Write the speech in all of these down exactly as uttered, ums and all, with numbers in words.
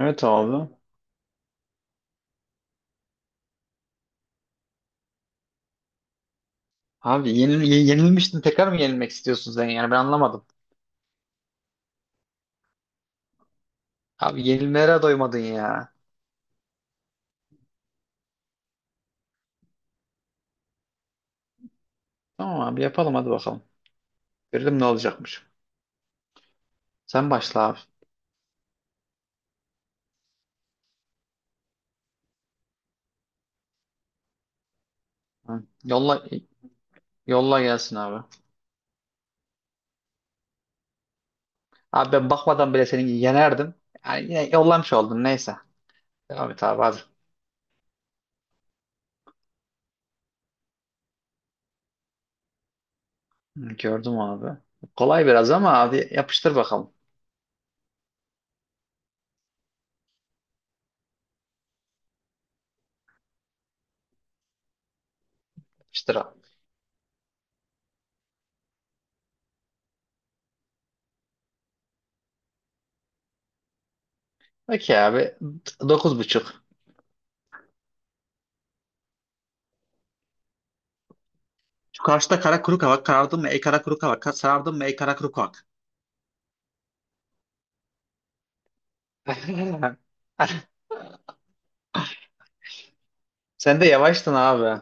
Evet abi. Abi yenil ye- yenilmiştin tekrar mı yenilmek istiyorsun sen yani ben anlamadım. Abi yenilmelere doymadın ya. Tamam abi yapalım hadi bakalım. Görelim ne olacakmış. Sen başla abi. Hı. Yolla yolla gelsin abi. Abi ben bakmadan bile seni yenerdim. Yani yine yollamış oldun neyse. Devam et abi hadi. Hı, gördüm abi. Kolay biraz ama abi yapıştır bakalım. Yapıştır abi. Peki abi. Dokuz buçuk. Şu karşıda kara kuru kavak karardın mı ey kara kuru kavak? Sarardın mı ey kara kuru kavak? Sen de yavaştın abi.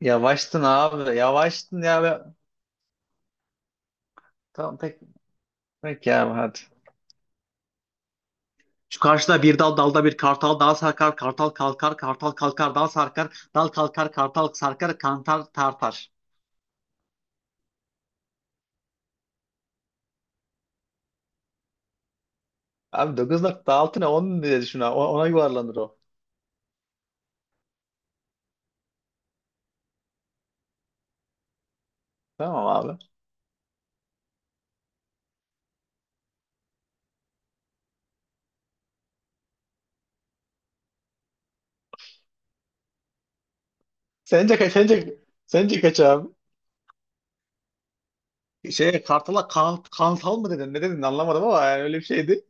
Yavaştın abi. Yavaştın ya. Be. Tamam pek, pek ya hadi. Şu karşıda bir dal dalda bir kartal dal sarkar, kartal kalkar, kartal kalkar dal sarkar, dal kalkar, kartal sarkar, kantar tartar. Abi dokuz nokta altı ne on diye düşün abi. Ona, ona yuvarlanır o. Tamam abi. Sence kaç? Sence, sence kaç abi? Şey kartala kan kantal mı dedin? Ne dedin anlamadım ama yani öyle bir şeydi.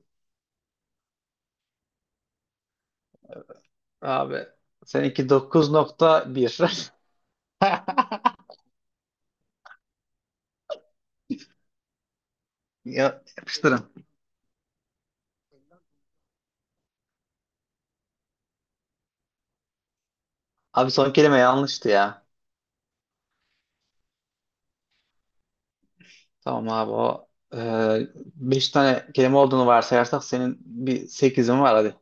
Abi seninki dokuz nokta bir. Ya yapıştırın. Abi son kelime yanlıştı ya. Tamam abi o e, beş tane kelime olduğunu varsayarsak senin bir sekizin var hadi.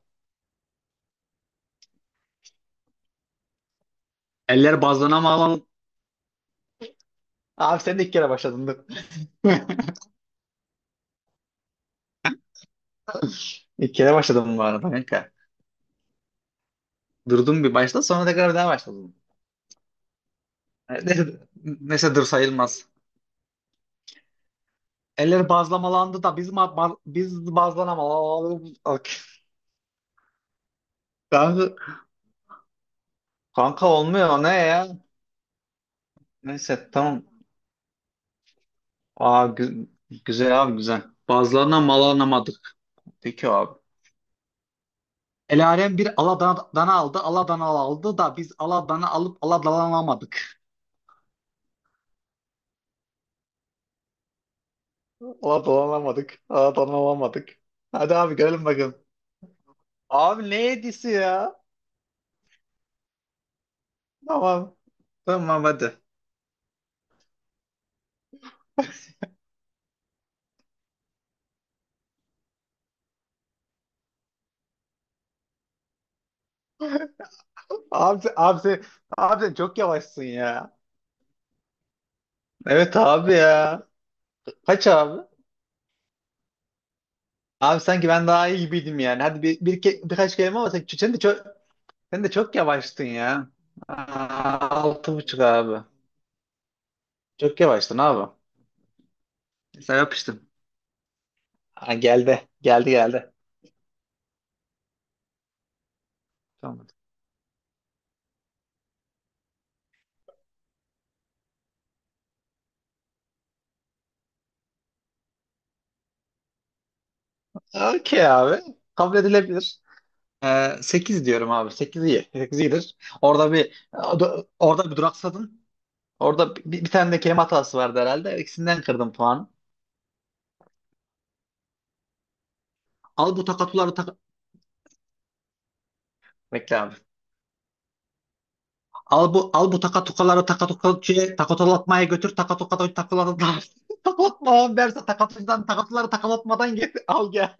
Eller bazlana mı alalım? Abi sen de ilk kere başladın dur. İlk kere başladım bu arada kanka. Durdum bir başta sonra tekrar bir daha başladım. E, Neyse, neyse dur sayılmaz. Eller bazlamalandı da biz ma baz- biz bazlanamalandık. Kanka, kanka olmuyor o ne ya? Neyse tamam. Aa, gü- güzel abi güzel. Bazlarına malanamadık. Peki abi. Elarem bir Aladana aldı. Aladana aldı da biz Aladana alıp Aladanalamadık. Aladanalamadık. Aladanalamadık. Hadi abi görelim bakalım. Abi ne hediyesi ya? Tamam. Tamam hadi. Abi, sen- abi, sen- Abi sen çok yavaşsın ya. Evet abi ya. Kaç abi? Abi sanki ben daha iyi gibiydim yani. Hadi bir, bir ke- birkaç kelime ama sen, sen de çok sen de çok yavaştın ya. Aa, Altı buçuk abi. Çok yavaştın abi. Sen yapıştın. Ha, geldi. Geldi geldi. Tamam. Okey abi. Kabul edilebilir. Ee, sekiz diyorum abi. Sekiz iyi. Sekiz iyidir. Orada bir Orada bir duraksadın. Orada bir, bir tane de kelime hatası vardı herhalde. İkisinden kırdım puanı. Al bu takatuları tak... Bekle abi. Al bu al bu takatukaları takatukaçıya takatulatmaya götür takatukadan takatulatma. Takatulatma abi verse takatucudan takatuları takalatmadan gel al gel.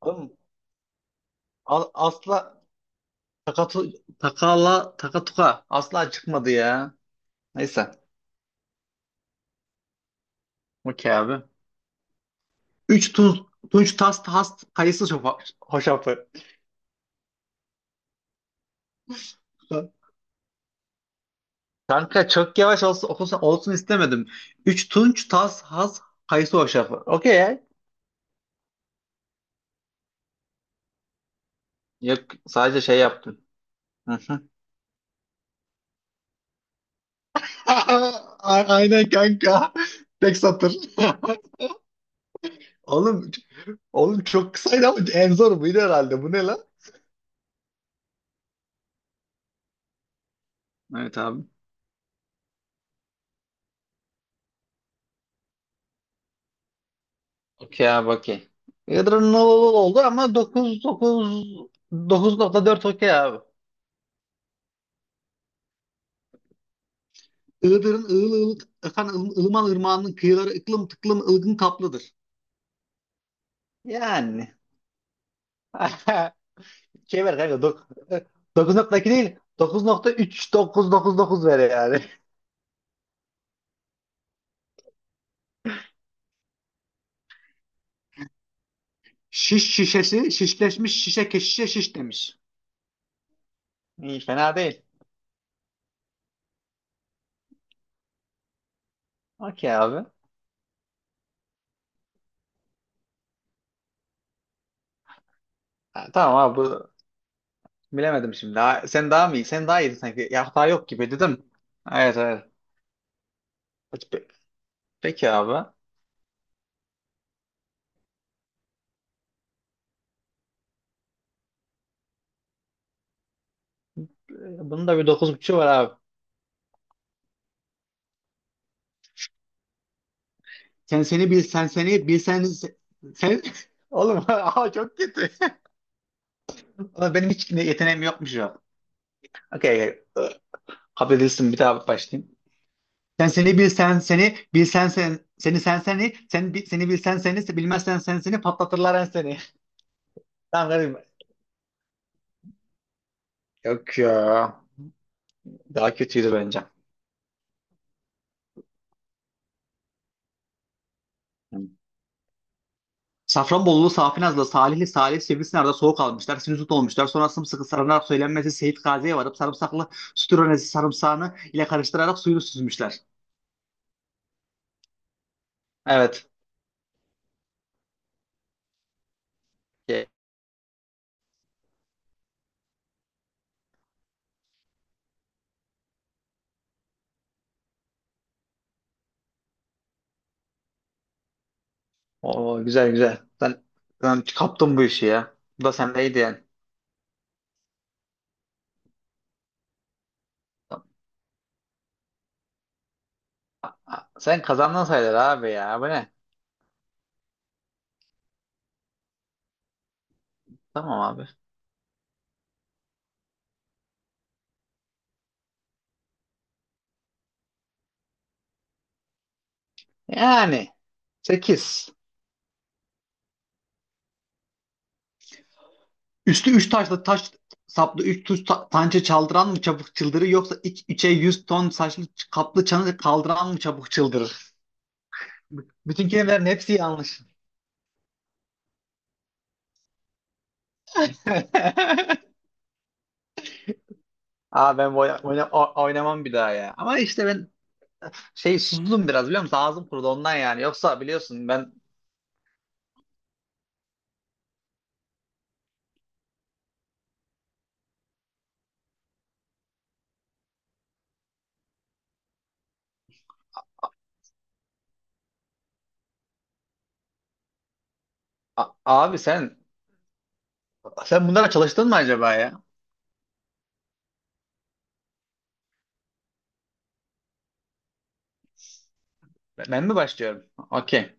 Oğlum, Al, asla takatu takala takatuka asla çıkmadı ya. Neyse. Okey abi. Üç tun, Tunç Tast Hast kayısı şofa- hoşafı. Kanka çok yavaş olsun, olsun, olsun istemedim. Üç Tunç Tas Has kayısı hoşafı. Okey ya. Yok sadece şey yaptım. Hı hı. A- Aynen kanka. Tek satır. Oğlum Oğlum çok kısaydı ama en zor buydu herhalde. Bu ne lan? Evet abi. Okey abi okey. Yadırın oldu ama dokuz dokuz dokuz nokta dört okey abi. Iğdır'ın ığıl ığıl efendim, Ilı- Ilıman Irmağı'nın kıyıları ıklım tıklım ılgın kaplıdır. Yani. Şey ver kanka. dok- dokuz nokta iki değil. Dokuz nokta üç dokuz dokuz dokuz ver yani. Şiş şişesi şişleşmiş şişe keşişe şiş demiş. İyi fena değil. Okey abi. Ha, tamam abi bu bilemedim şimdi. Ha, sen daha mı iyi? Sen daha iyiydin sanki. Ya hata yok gibi dedim. Evet evet. Pe- Peki abi. Ee, Bunun da bir dokuz nokta beşi var abi. Sen seni bil sen seni bilsen sen oğlum aa, çok kötü. Oğlum benim hiç ne- yeteneğim yokmuş ya. Okey. okey. Kabul edilsin bir daha başlayayım. Sen seni bilsen seni bilsen sen seni sen seni sen bi- seni bilsen seni bilmezsen sen seni patlatırlar en seni. Tamam kardeşim. Yok ya. Daha kötüydü bence. Hı. Safranbolulu, Safinazlı, Salihli, Salih, Sivrisinar'da soğuk almışlar, sinüzit olmuşlar. Sonra sımsıkı sarımlar söylenmesi Seyit Gazi'ye varıp sarımsaklı sütüronesi sarımsağını ile karıştırarak suyunu süzmüşler. Evet. Ye- Oo, güzel güzel. Sen, sen kaptın bu işi ya. Bu da sendeydi yani. Ha, sen kazandın sayılır abi ya. Bu ne? Tamam abi. Yani sekiz. Üstü üç taşlı taş saplı üç tuş ta- tançe çaldıran mı çabuk çıldırır yoksa iç içe yüz ton saçlı ç- kaplı çanı kaldıran mı çabuk çıldırır? B- Bütün kelimelerin hepsi yanlış. Aa ben oy- oyna- o- oynamam bir daha ya. Ama işte ben şey sustum biraz biliyor musun? Ağzım kurudu ondan yani. Yoksa biliyorsun ben A- abi sen Sen bunlara çalıştın mı acaba ya? Ben mi başlıyorum? Okey.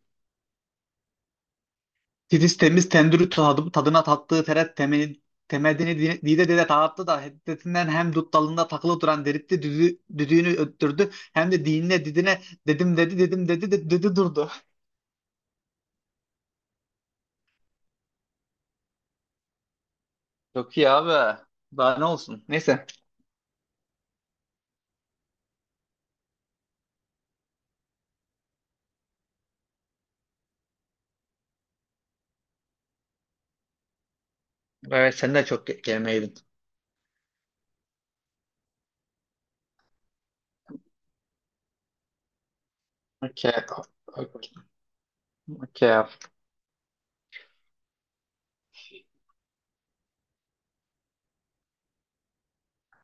Titiz temiz tendürü tadı, tadına tattığı teret temeli, temelini di- dide dide dağıttı da hiddetinden hem dut dalında takılı duran deritti düdü, düdüğünü öttürdü hem de dinine didine dedim dedi dedim dedi de, dedi durdu. Çok iyi abi. Daha ne olsun. Neyse. Evet sen de çok ge- gerimeydin. Okey. Okey. Okey.